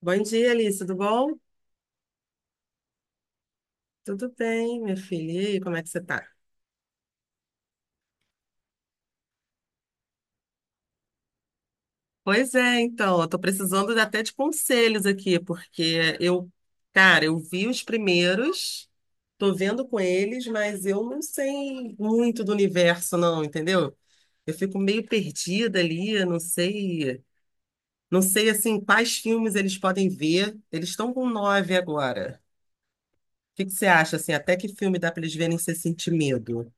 Bom dia, Alice, tudo bom? Tudo bem, minha filha. E aí, como é que você tá? Pois é, então, eu tô precisando até de conselhos aqui, porque eu, cara, eu vi os primeiros, tô vendo com eles, mas eu não sei muito do universo, não, entendeu? Eu fico meio perdida ali, eu não sei, não sei, assim, quais filmes eles podem ver. Eles estão com nove agora. O que que você acha, assim, até que filme dá pra eles verem sem sentir medo?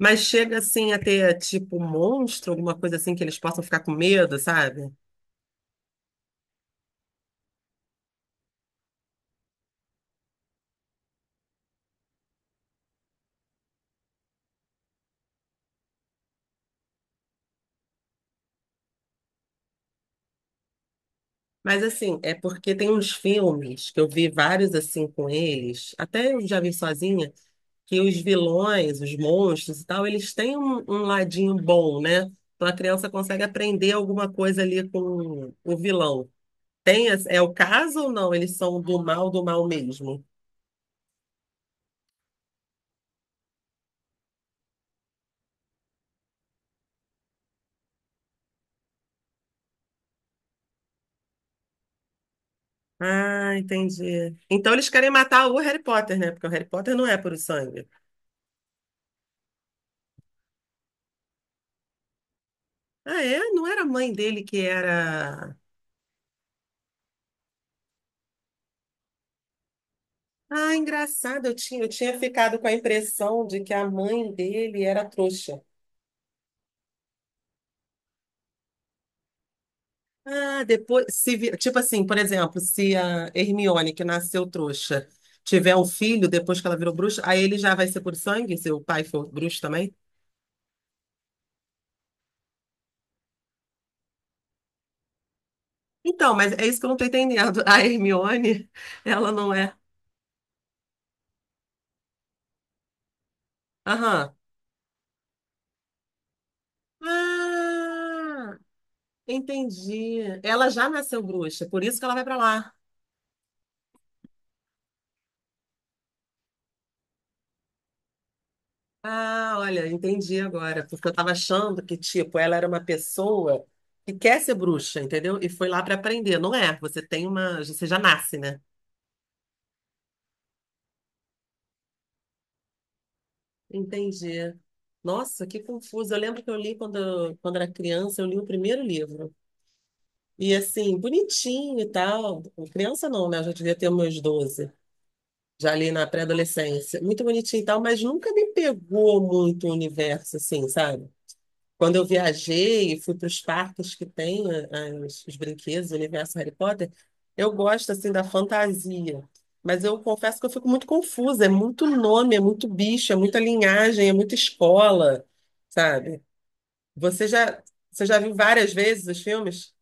Mas chega assim a ter tipo um monstro, alguma coisa assim que eles possam ficar com medo, sabe? Mas assim, é porque tem uns filmes que eu vi vários assim com eles, até eu já vi sozinha, que os vilões, os monstros e tal, eles têm um ladinho bom, né? Então a criança consegue aprender alguma coisa ali com o vilão. Tem, é o caso ou não? Eles são do mal mesmo? Ah, entendi. Então eles querem matar o Harry Potter, né? Porque o Harry Potter não é puro sangue. Ah, é? Não era a mãe dele que era. Ah, engraçado, eu tinha ficado com a impressão de que a mãe dele era trouxa. Ah, depois, se, tipo assim, por exemplo, se a Hermione, que nasceu trouxa, tiver um filho depois que ela virou bruxa, aí ele já vai ser por sangue, se o pai for bruxo também? Então, mas é isso que eu não tô entendendo. A Hermione, ela não é. Aham. Ah! Entendi. Ela já nasceu bruxa, por isso que ela vai pra lá. Ah, olha, entendi agora, porque eu tava achando que, tipo, ela era uma pessoa que quer ser bruxa, entendeu? E foi lá pra aprender. Não é, você tem uma, você já nasce, né? Entendi. Nossa, que confuso. Eu lembro que eu li quando era criança, eu li o primeiro livro. E assim, bonitinho e tal. Criança não, né? Eu já devia ter meus 12, já ali na pré-adolescência. Muito bonitinho e tal, mas nunca me pegou muito o universo, assim, sabe? Quando eu viajei e fui para os parques que tem os brinquedos, o universo Harry Potter, eu gosto assim da fantasia. Mas eu confesso que eu fico muito confusa. É muito nome, é muito bicho, é muita linhagem, é muita escola, sabe? Você já, você já viu várias vezes os filmes?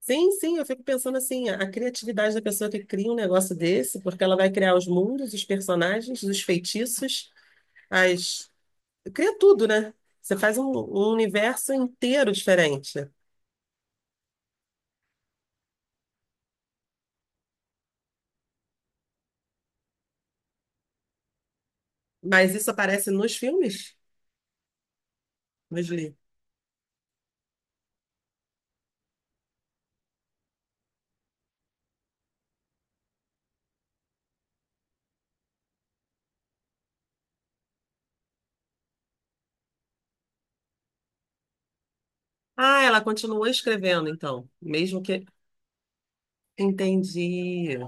Sim, sim, eu fico pensando assim, a criatividade da pessoa que cria um negócio desse, porque ela vai criar os mundos, os personagens, os feitiços, as Cria tudo, né? Você faz um universo inteiro diferente. Mas isso aparece nos filmes? Nos livros. Ah, ela continua escrevendo, então. Mesmo que. Entendi.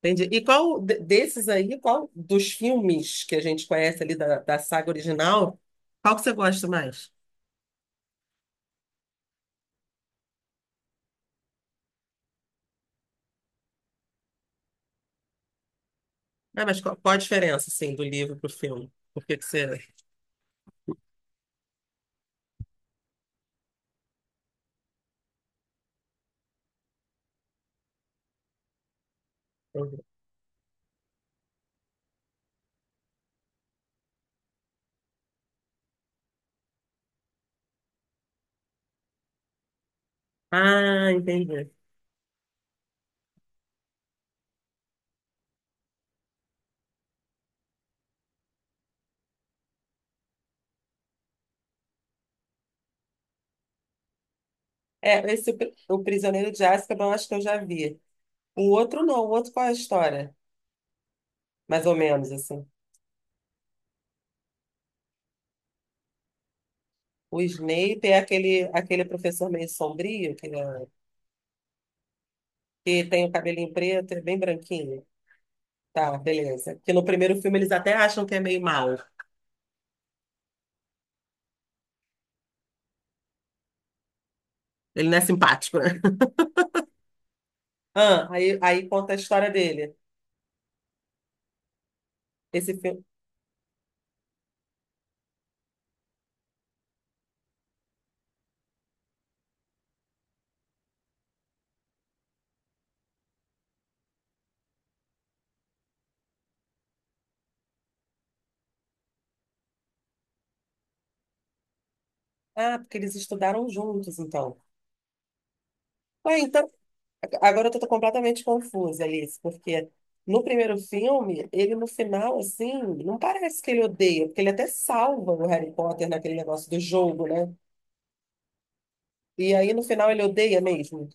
Entendi. E qual desses aí, qual dos filmes que a gente conhece ali da saga original, qual que você gosta mais? Ah, mas qual a diferença, assim, do livro pro filme? Por que que você. Ah, entendi. É, o Prisioneiro de Azkaban, eu acho que eu já vi. O outro não, o outro qual é a história? Mais ou menos, assim. O Snape é aquele professor meio sombrio, que, que tem o cabelinho preto, é bem branquinho. Tá, beleza. Que no primeiro filme eles até acham que é meio mau. Ele não é simpático, né? Ah, aí conta a história dele. Esse filme. Ah, porque eles estudaram juntos, então. Ué, então, agora eu tô completamente confusa, Alice, porque no primeiro filme, ele no final, assim, não parece que ele odeia, porque ele até salva o Harry Potter naquele negócio do jogo, né? E aí no final ele odeia mesmo.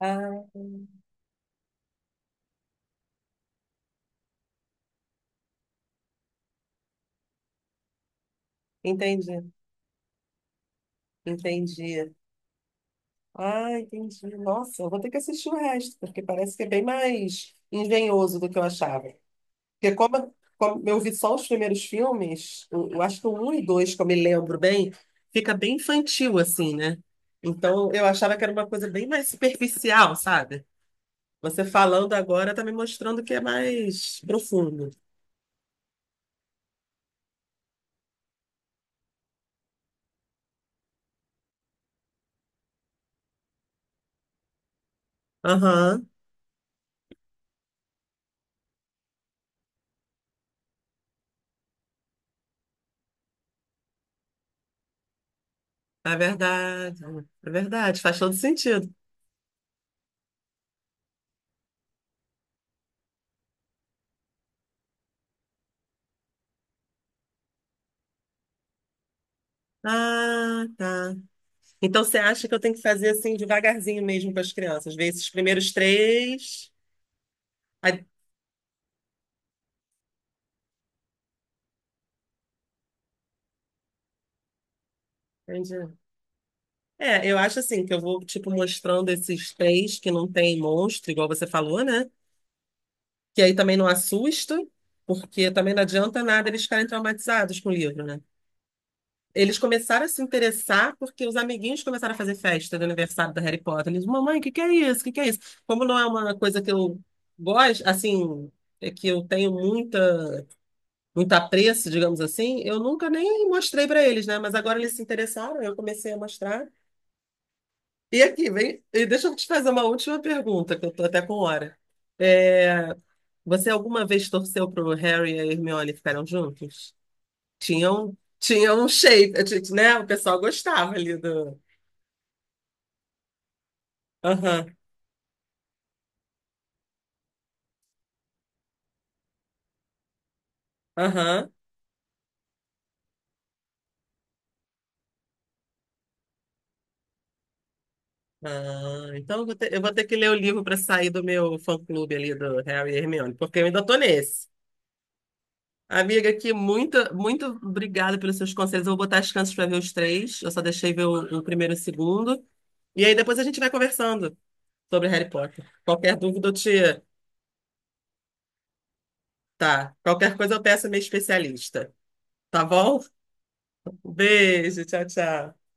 Ah, entendi, entendi. Ah, entendi. Nossa, eu vou ter que assistir o resto, porque parece que é bem mais engenhoso do que eu achava. Porque como, como eu vi só os primeiros filmes, eu acho que o um e 2, que eu me lembro bem, fica bem infantil, assim, né? Então eu achava que era uma coisa bem mais superficial, sabe? Você falando agora tá me mostrando que é mais profundo. Aham, é verdade. É verdade, faz todo sentido. Ah, tá. Então você acha que eu tenho que fazer assim devagarzinho mesmo para as crianças? Ver esses primeiros três. Aí- Entendi. É, eu acho assim que eu vou, tipo, mostrando esses três que não tem monstro, igual você falou, né? Que aí também não assusta, porque também não adianta nada eles ficarem traumatizados com o livro, né? Eles começaram a se interessar porque os amiguinhos começaram a fazer festa do aniversário da Harry Potter. Eles, mamãe, o que que é isso? O que que é isso? Como não é uma coisa que eu gosto, assim, é que eu tenho muita, muito apreço, digamos assim, eu nunca nem mostrei para eles, né? Mas agora eles se interessaram, eu comecei a mostrar. E aqui, vem, e deixa eu te fazer uma última pergunta, que eu tô até com hora. É, você alguma vez torceu pro Harry e a Hermione ficaram juntos? Tinham um shape, né? O pessoal gostava ali do. Aham, aham. Ah, então eu vou ter que ler o livro para sair do meu fã-clube ali do Harry e Hermione, porque eu ainda tô nesse. Amiga, aqui, muito, muito obrigada pelos seus conselhos. Eu vou botar as chances para ver os três. Eu só deixei ver o primeiro e o segundo. E aí depois a gente vai conversando. Sobre Harry Potter. Qualquer dúvida eu te. Tá. Qualquer coisa eu peço a minha especialista. Tá bom? Um beijo, tchau, tchau.